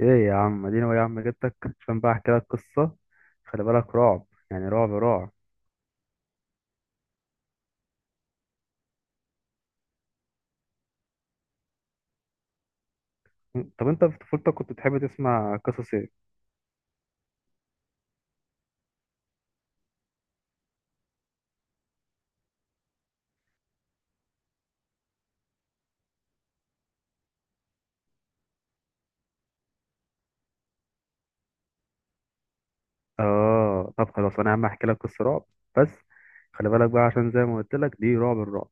ايه يا عم، اديني هو يا عم، جبتك عشان بقى احكي لك قصه. خلي بالك، رعب يعني رعب رعب. طب انت في طفولتك كنت بتحب تسمع قصص ايه؟ اه، طب خلاص، انا يا عم احكي لك قصه رعب بس. خلي بالك بقى، عشان زي ما قلت لك، دي رعب الرعب.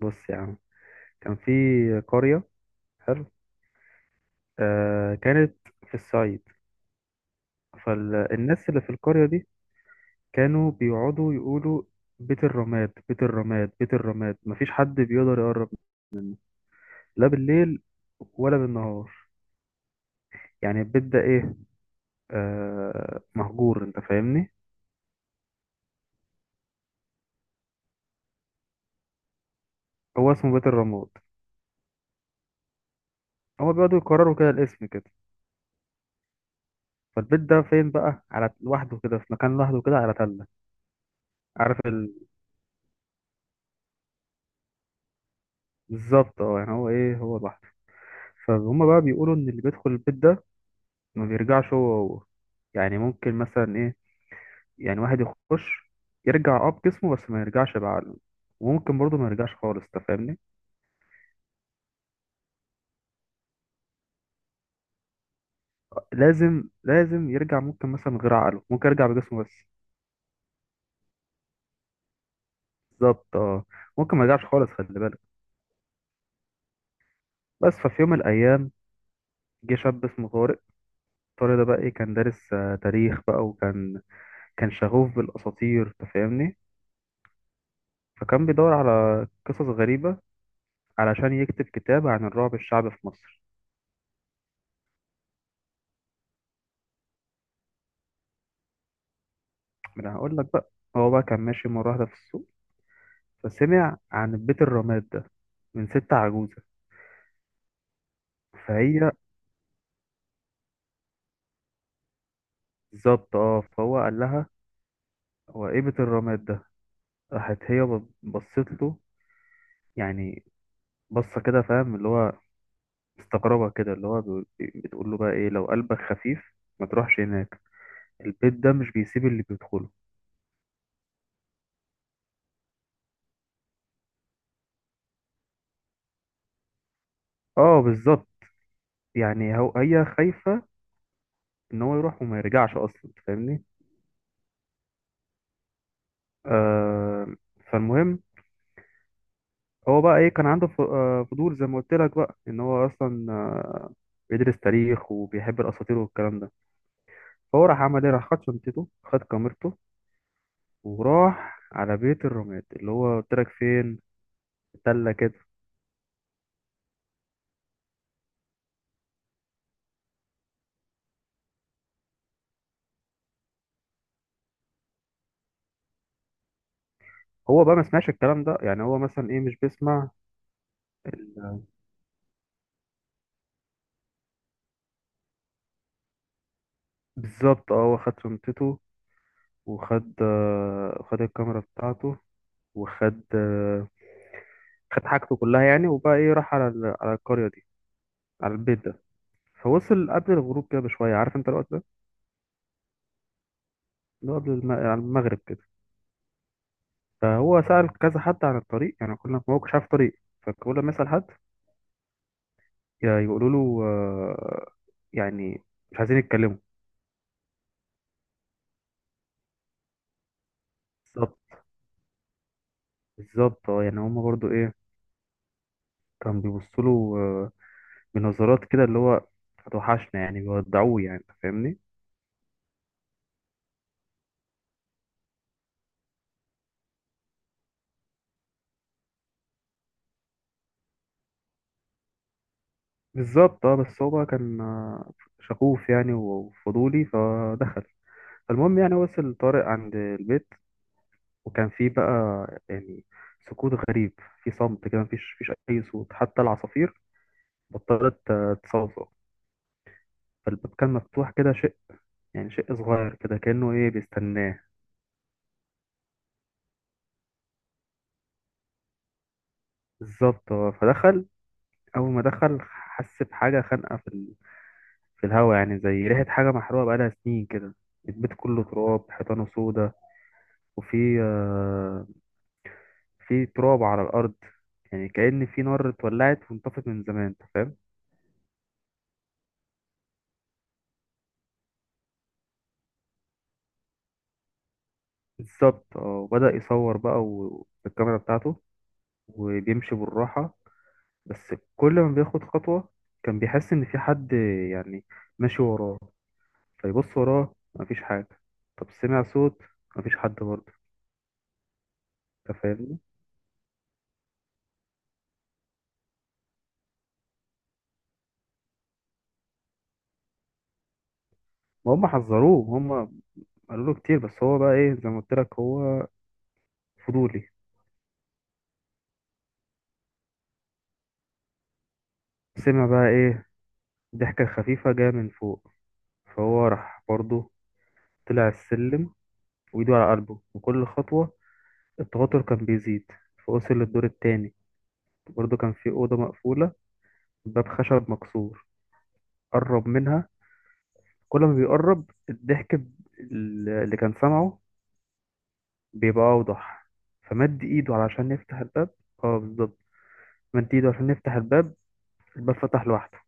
بص يا عم، كان في قريه، حلو، كانت في الصعيد. فالناس اللي في القريه دي كانوا بيقعدوا يقولوا: بيت الرماد، بيت الرماد، بيت الرماد، مفيش حد بيقدر يقرب، لا بالليل ولا بالنهار. يعني البيت ده ايه؟ مهجور، انت فاهمني. هو اسمه بيت الرماد. هو بيقعدوا يكرروا كده الاسم كده. فالبيت ده فين بقى، على لوحده كده، في مكان لوحده كده على تلة. عارف بالظبط اه، يعني هو ايه، هو لوحده. فهم بقى بيقولوا ان اللي بيدخل البيت ده ما بيرجعش هو، يعني ممكن مثلا ايه، يعني واحد يخش، يرجع اه بجسمه بس ما يرجعش بعقله، وممكن برضه ما يرجعش خالص، انت فاهمني. لازم لازم يرجع، ممكن مثلا من غير عقله، ممكن يرجع بجسمه بس. بالظبط اه، ممكن ما يرجعش خالص، خلي بالك. بس ففي يوم من الأيام جه شاب اسمه طارق. طارق ده بقى إيه، كان دارس تاريخ بقى، وكان شغوف بالأساطير، أنت فاهمني. فكان بيدور على قصص غريبة علشان يكتب كتاب عن الرعب الشعبي في مصر. ما أنا هقول لك بقى، هو بقى كان ماشي مرة واحدة في السوق فسمع عن بيت الرماد ده من ست عجوزة. فهي بالظبط اه، فهو قال لها: هو إيه بيت الرماد ده؟ راحت هي بصت له، يعني بصة كده، فاهم اللي هو، استغربها كده، اللي هو بتقول له بقى ايه، لو قلبك خفيف ما تروحش هناك، البيت ده مش بيسيب اللي بيدخله. اه بالظبط، يعني هو هي خايفة ان هو يروح وما يرجعش اصلا، أنت فاهمني. آه فالمهم، هو بقى ايه، كان عنده فضول، زي ما قلت لك بقى ان هو اصلا بيدرس تاريخ وبيحب الاساطير والكلام ده. فهو راح عمل ايه، راح خد شنطته، خد كاميرته، وراح على بيت الرماد اللي هو قلت لك، فين التلة كده. هو بقى ما سمعش الكلام ده، يعني هو مثلا ايه، مش بيسمع. بالظبط اه، هو خد شنطته، وخد آه، خد الكاميرا بتاعته، وخد آه، خد حاجته كلها، يعني وبقى ايه، راح على القرية دي، على البيت ده. فوصل قبل الغروب كده بشوية، عارف انت الوقت ده، اللي هو قبل على المغرب كده. فهو سأل كذا حد عن الطريق، يعني كنا، ما هو مش عارف طريق. فكل ما يسأل حد يقولوا له، يعني مش عايزين يتكلموا. بالظبط، بالظبط اه، يعني هما برضو ايه، كانوا بيبصوا له من نظرات كده، اللي هو هتوحشنا، يعني بيودعوه، يعني أنت فاهمني. بالظبط اه، بس هو بقى كان شغوف يعني وفضولي، فدخل. المهم، يعني وصل طارق عند البيت، وكان فيه بقى يعني سكوت غريب. في صمت كده، مفيش أي صوت، حتى العصافير بطلت تصوصو. فالباب كان مفتوح كده شيء، يعني شيء صغير كده، كأنه إيه، بيستناه. بالظبط، فدخل. أول ما دخل حس بحاجة خانقة في الهوا، يعني زي ريحة حاجة محروقة بقالها سنين كده. البيت كله تراب، حيطانه سودا، وفي آه، في تراب على الأرض، يعني كأن في نار اتولعت وانطفت من زمان، انت فاهم. بالظبط اه، وبدأ يصور بقى بالكاميرا بتاعته، وبيمشي بالراحة. بس كل ما بياخد خطوة، كان بيحس إن في حد، يعني ماشي وراه، فيبص وراه مفيش حاجة. طب سمع صوت، مفيش حد برضه، انت فاهمني. ما هم حذروه، هم قالوا له كتير، بس هو بقى ايه، زي ما قلت لك، هو فضولي. سمع بقى ايه، ضحكة خفيفة جاية من فوق، فهو راح برضه طلع السلم وإيده على قلبه، وكل خطوة التوتر كان بيزيد. فوصل للدور التاني، برضه كان في أوضة مقفولة، باب خشب مكسور، قرب منها. كل ما بيقرب الضحك اللي كان سامعه بيبقى أوضح، فمد إيده علشان يفتح الباب. اه بالظبط، مد إيده عشان يفتح الباب، الباب فتح لوحده.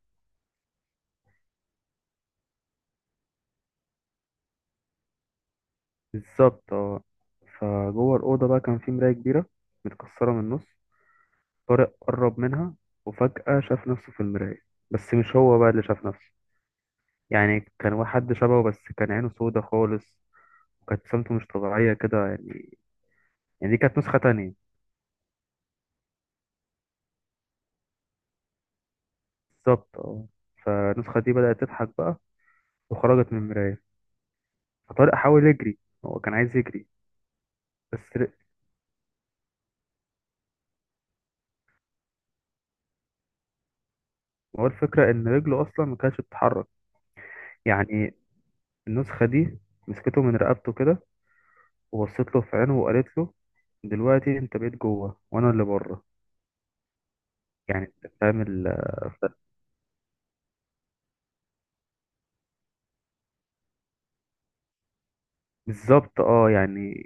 بالظبط اه، فجوه الأوضة بقى كان في مراية كبيرة متكسرة من النص، طارق قرب منها، وفجأة شاف نفسه في المراية، بس مش هو بقى اللي شاف نفسه. يعني كان واحد شبهه، بس كان عينه سودة خالص، وكانت ابتسامته مش طبيعية كده، يعني يعني دي كانت نسخة تانية. بالظبط اه، فالنسخة دي بدأت تضحك بقى وخرجت من المراية، فطارق حاول يجري، هو كان عايز يجري. بس هو الفكرة إن رجله أصلا ما كانتش بتتحرك. يعني النسخة دي مسكته من رقبته كده، وبصيت له في عينه وقالت له: دلوقتي انت بقيت جوه وانا اللي بره. يعني انت فاهم ف- بالظبط اه، يعني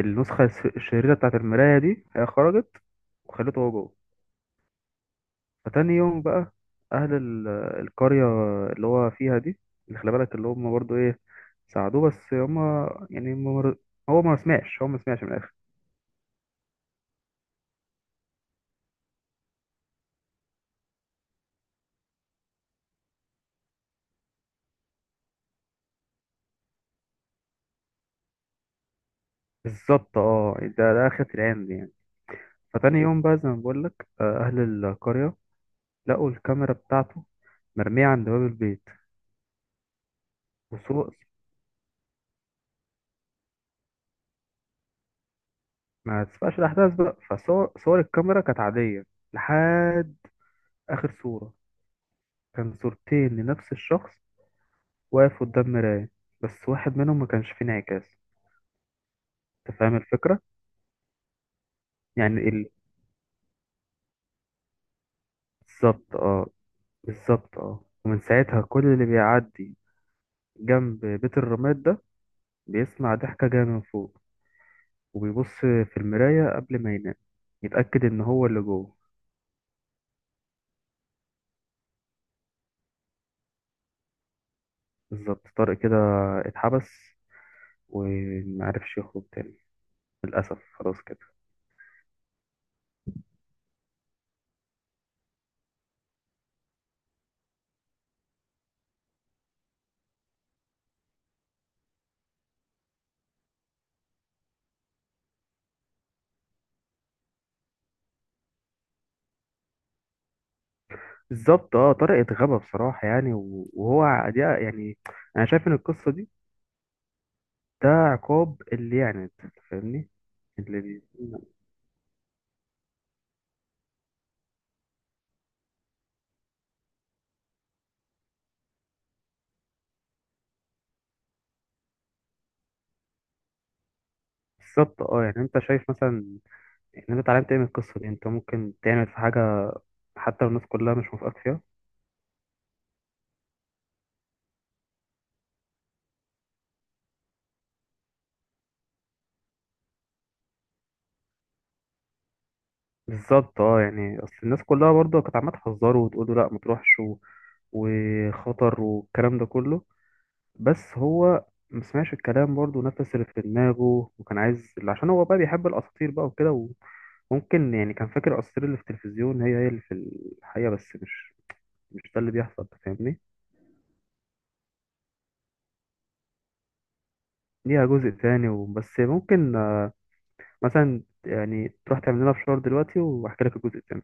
النسخة الشريرة بتاعت المراية دي هي خرجت وخلته هو جوه. فتاني يوم بقى، أهل القرية اللي هو فيها دي، اللي خلي بالك اللي هم برضو ايه، ساعدوه بس هم يعني ما مر... هو ما سمعش من الآخر. بالظبط اه، يعني ده آخرة العين دي يعني. فتاني يوم بقى، زي ما بقول لك، أهل القرية لقوا الكاميرا بتاعته مرمية عند باب البيت وصور، ما تسبقش الأحداث بقى، فصور صور الكاميرا كانت عادية لحد آخر صورة، كان صورتين لنفس الشخص واقف قدام مراية، بس واحد منهم ما كانش فيه انعكاس، أنت فاهم الفكرة؟ يعني بالظبط اه، بالظبط اه، ومن ساعتها كل اللي بيعدي جنب بيت الرماد ده بيسمع ضحكة جاية من فوق، وبيبص في المراية قبل ما ينام يتأكد إن هو اللي جوه. بالظبط، طارق كده اتحبس ومعرفش يخرج تاني، للأسف خلاص كده. بالظبط اه، طارق اتغبى بصراحة يعني، و- وهو ع- دي يعني أنا شايف إن القصة دي، ده عقاب اللي يعني، فاهمني. اللي بالظبط اه، يعني أنت شايف مثلا إن أنت اتعلمت إيه من القصة دي، أنت ممكن تعمل في حاجة حتى لو الناس كلها مش موافقاك فيها؟ بالظبط اه، يعني أصل الناس كلها برضه كانت عمالة تحذره وتقول له لأ ما تروحش، وخطر والكلام ده كله. بس هو ما سمعش الكلام، برضه نفس اللي في دماغه، وكان عايز عشان هو بقى بيحب الاساطير بقى وكده. وممكن يعني كان فاكر الاساطير اللي في التلفزيون هي هي اللي في الحقيقه، بس مش ده اللي بيحصل، أنت فاهمني. ليها جزء تاني وبس، ممكن مثلا يعني تروح تعمل لنا فشار دلوقتي واحكي لك الجزء التاني.